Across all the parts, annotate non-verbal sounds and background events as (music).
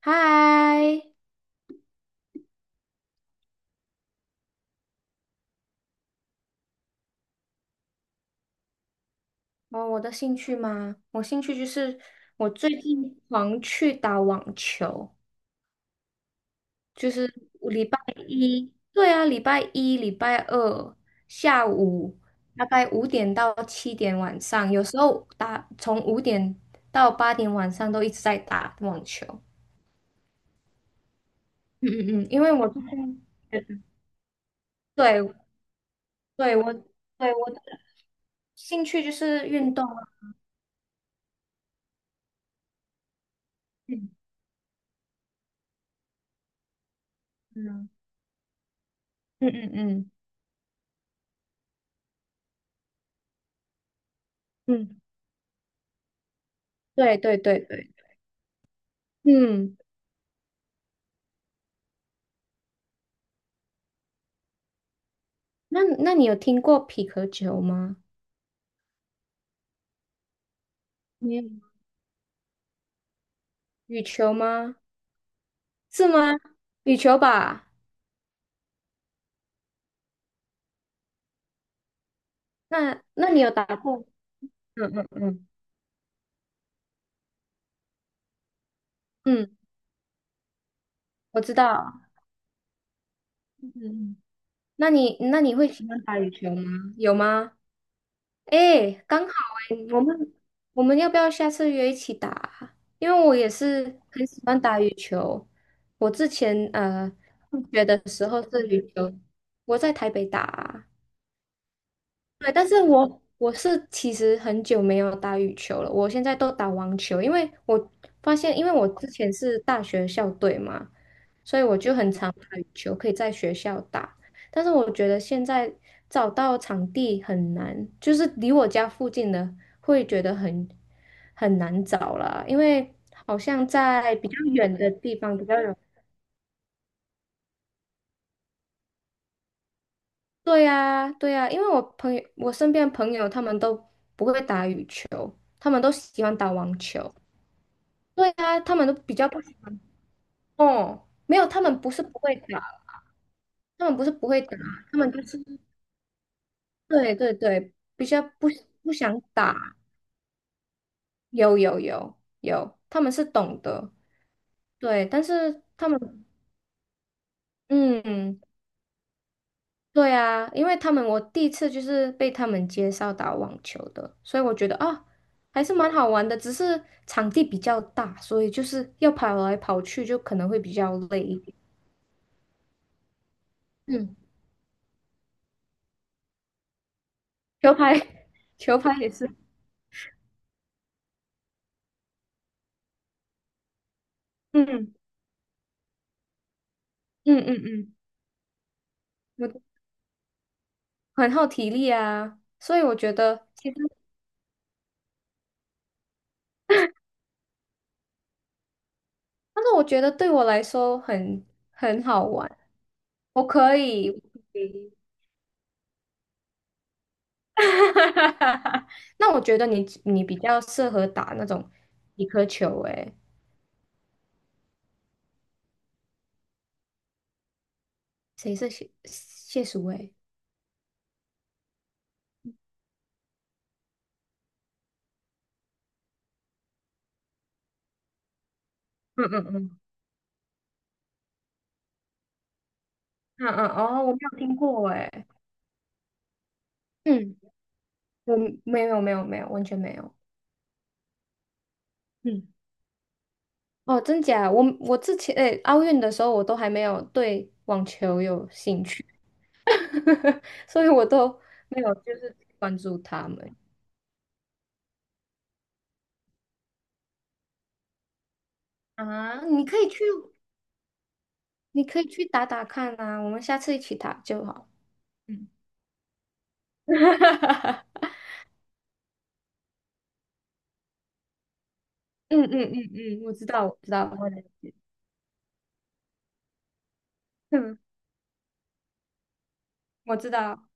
嗨。哦，我的兴趣吗？我兴趣就是。我最近狂去打网球，就是我礼拜一，对啊，礼拜一、礼拜二下午大概五点到7点晚上，有时候打从五点到8点晚上都一直在打网球。嗯，因为我最近，对对，对，我的兴趣就是运动啊。嗯嗯嗯嗯嗯，嗯，对对对对。嗯，那你有听过匹克球吗？没有，羽球吗？是吗？羽球吧？那你有打过？(laughs) 嗯嗯嗯嗯，我知道。嗯嗯，那你会喜欢打羽球吗？有吗？诶，刚好诶，我们要不要下次约一起打啊，因为我也是很喜欢打羽球。我之前上学的时候是羽球，我在台北打啊。对，但是我是其实很久没有打羽球了，我现在都打网球，因为我发现，因为我之前是大学校队嘛，所以我就很常打羽球，可以在学校打。但是我觉得现在找到场地很难，就是离我家附近的会觉得很难找了，因为好像在比较远的地方比较容对呀，对呀，因为我朋友，我身边的朋友他们都不会打羽球，他们都喜欢打网球。对呀，他们都比较不喜欢。哦，没有，他们不是不会打，他们不是不会打，他们就是对对对，比较不想打。有有有有，他们是懂得。对，但是他们嗯。对啊，因为他们我第一次就是被他们介绍打网球的，所以我觉得啊，还是蛮好玩的，只是场地比较大，所以就是要跑来跑去，就可能会比较累一点。嗯，(laughs) 球拍，(laughs) 球拍也是。嗯嗯嗯嗯，我很耗体力啊，所以我觉得其实，但是我觉得对我来说很好玩。我可以。 (laughs) 那我觉得你比较适合打那种几颗球，诶。谁是谢淑薇？嗯嗯嗯嗯嗯，哦，我没有听过哎。嗯，我没有没有没有，完全没有。嗯，哦，真假？我之前诶，奥运的时候我都还没有对网球有兴趣，(laughs) 所以我都没有就是关注他们。啊，你可以去打打看啊，我们下次一起打就好。嗯，(laughs) 嗯嗯嗯嗯，我知道我知道。嗯，我知道。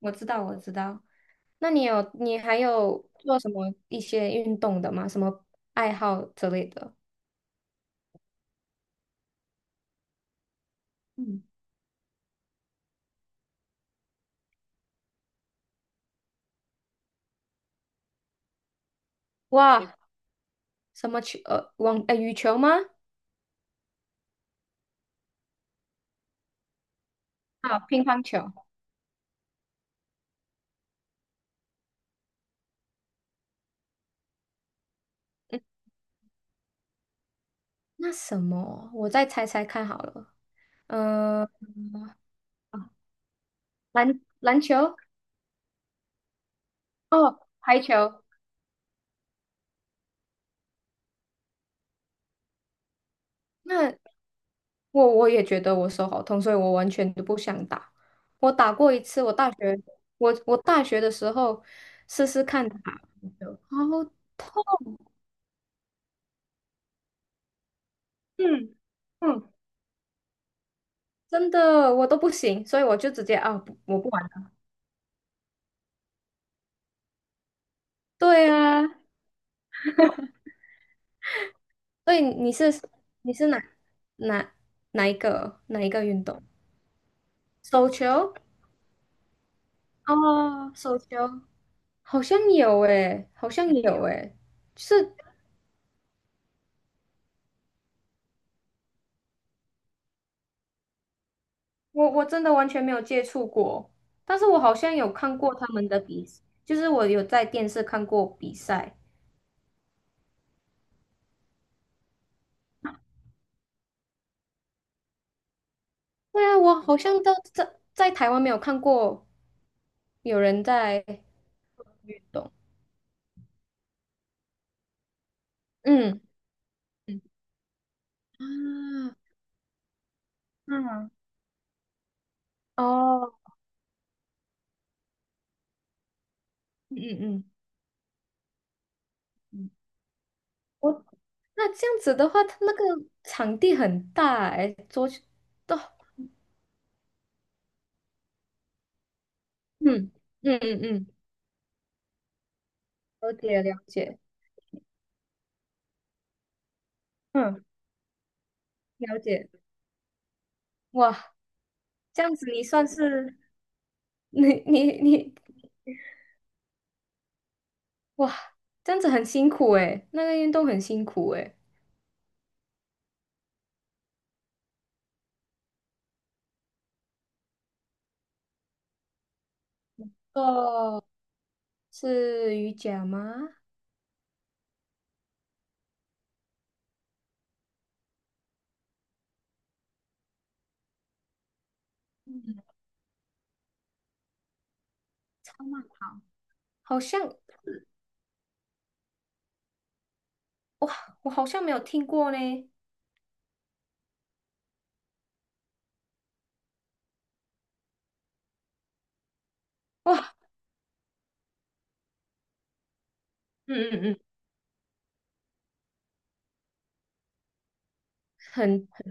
我知道，我知道。那你有，你还有做什么一些运动的吗？什么爱好之类的？嗯，哇，什么球？网，羽球吗？啊，乒乓球。嗯，那什么？我再猜猜看好了。呃，篮球？哦，排球。那我也觉得我手好痛，所以我完全都不想打。我打过一次，我大学的时候试试看打排球。好，嗯嗯，真的我都不行，所以我就直接啊，不，我不玩了。对啊，所以你是哪哪一个运动？手球？哦，手球好像有诶，好像有诶。就是我真的完全没有接触过，但是我好像有看过他们的比，就是我有在电视看过比赛。对啊，我好像都在台湾没有看过有人在运动。嗯嗯。啊，嗯，哦，嗯嗯嗯，我那这样子的话，它那个场地很大哎，桌球都。嗯嗯嗯嗯，了解了解。嗯，了解。哇，这样子你算是你你你，哇，这样子很辛苦哎，那个运动很辛苦哎。哦，是瑜伽吗？超慢跑，好像。哇，我好像没有听过呢。哇，嗯嗯嗯，很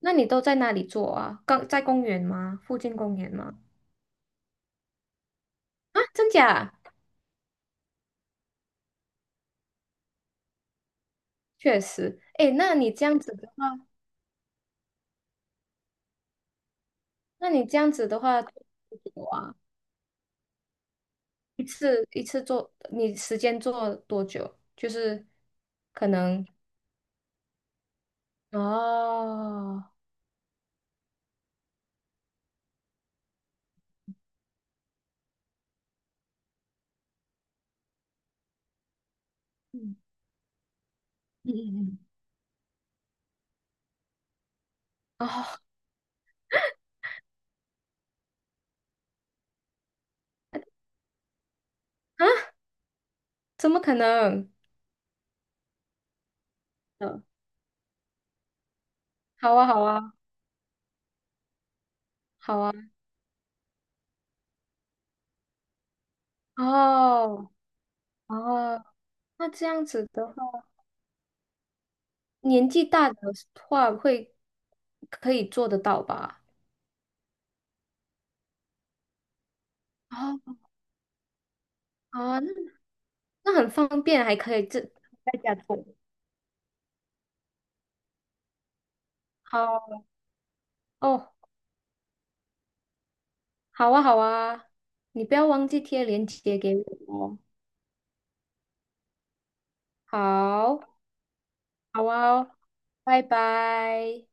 那你都在哪里做啊？刚在公园吗？附近公园吗？啊，真假？确实。诶，那你这样子的话，多久啊？一次一次做，你时间做多久？就是可能。哦，嗯嗯嗯嗯，哦，啊，怎么可能？嗯，好啊好啊好啊。哦哦，那这样子的话，年纪大的话会可以做得到吧？哦。啊，那很方便，还可以这在家做。好哦，好啊，好啊，你不要忘记贴链接给我哦。好，好啊，哦，拜拜。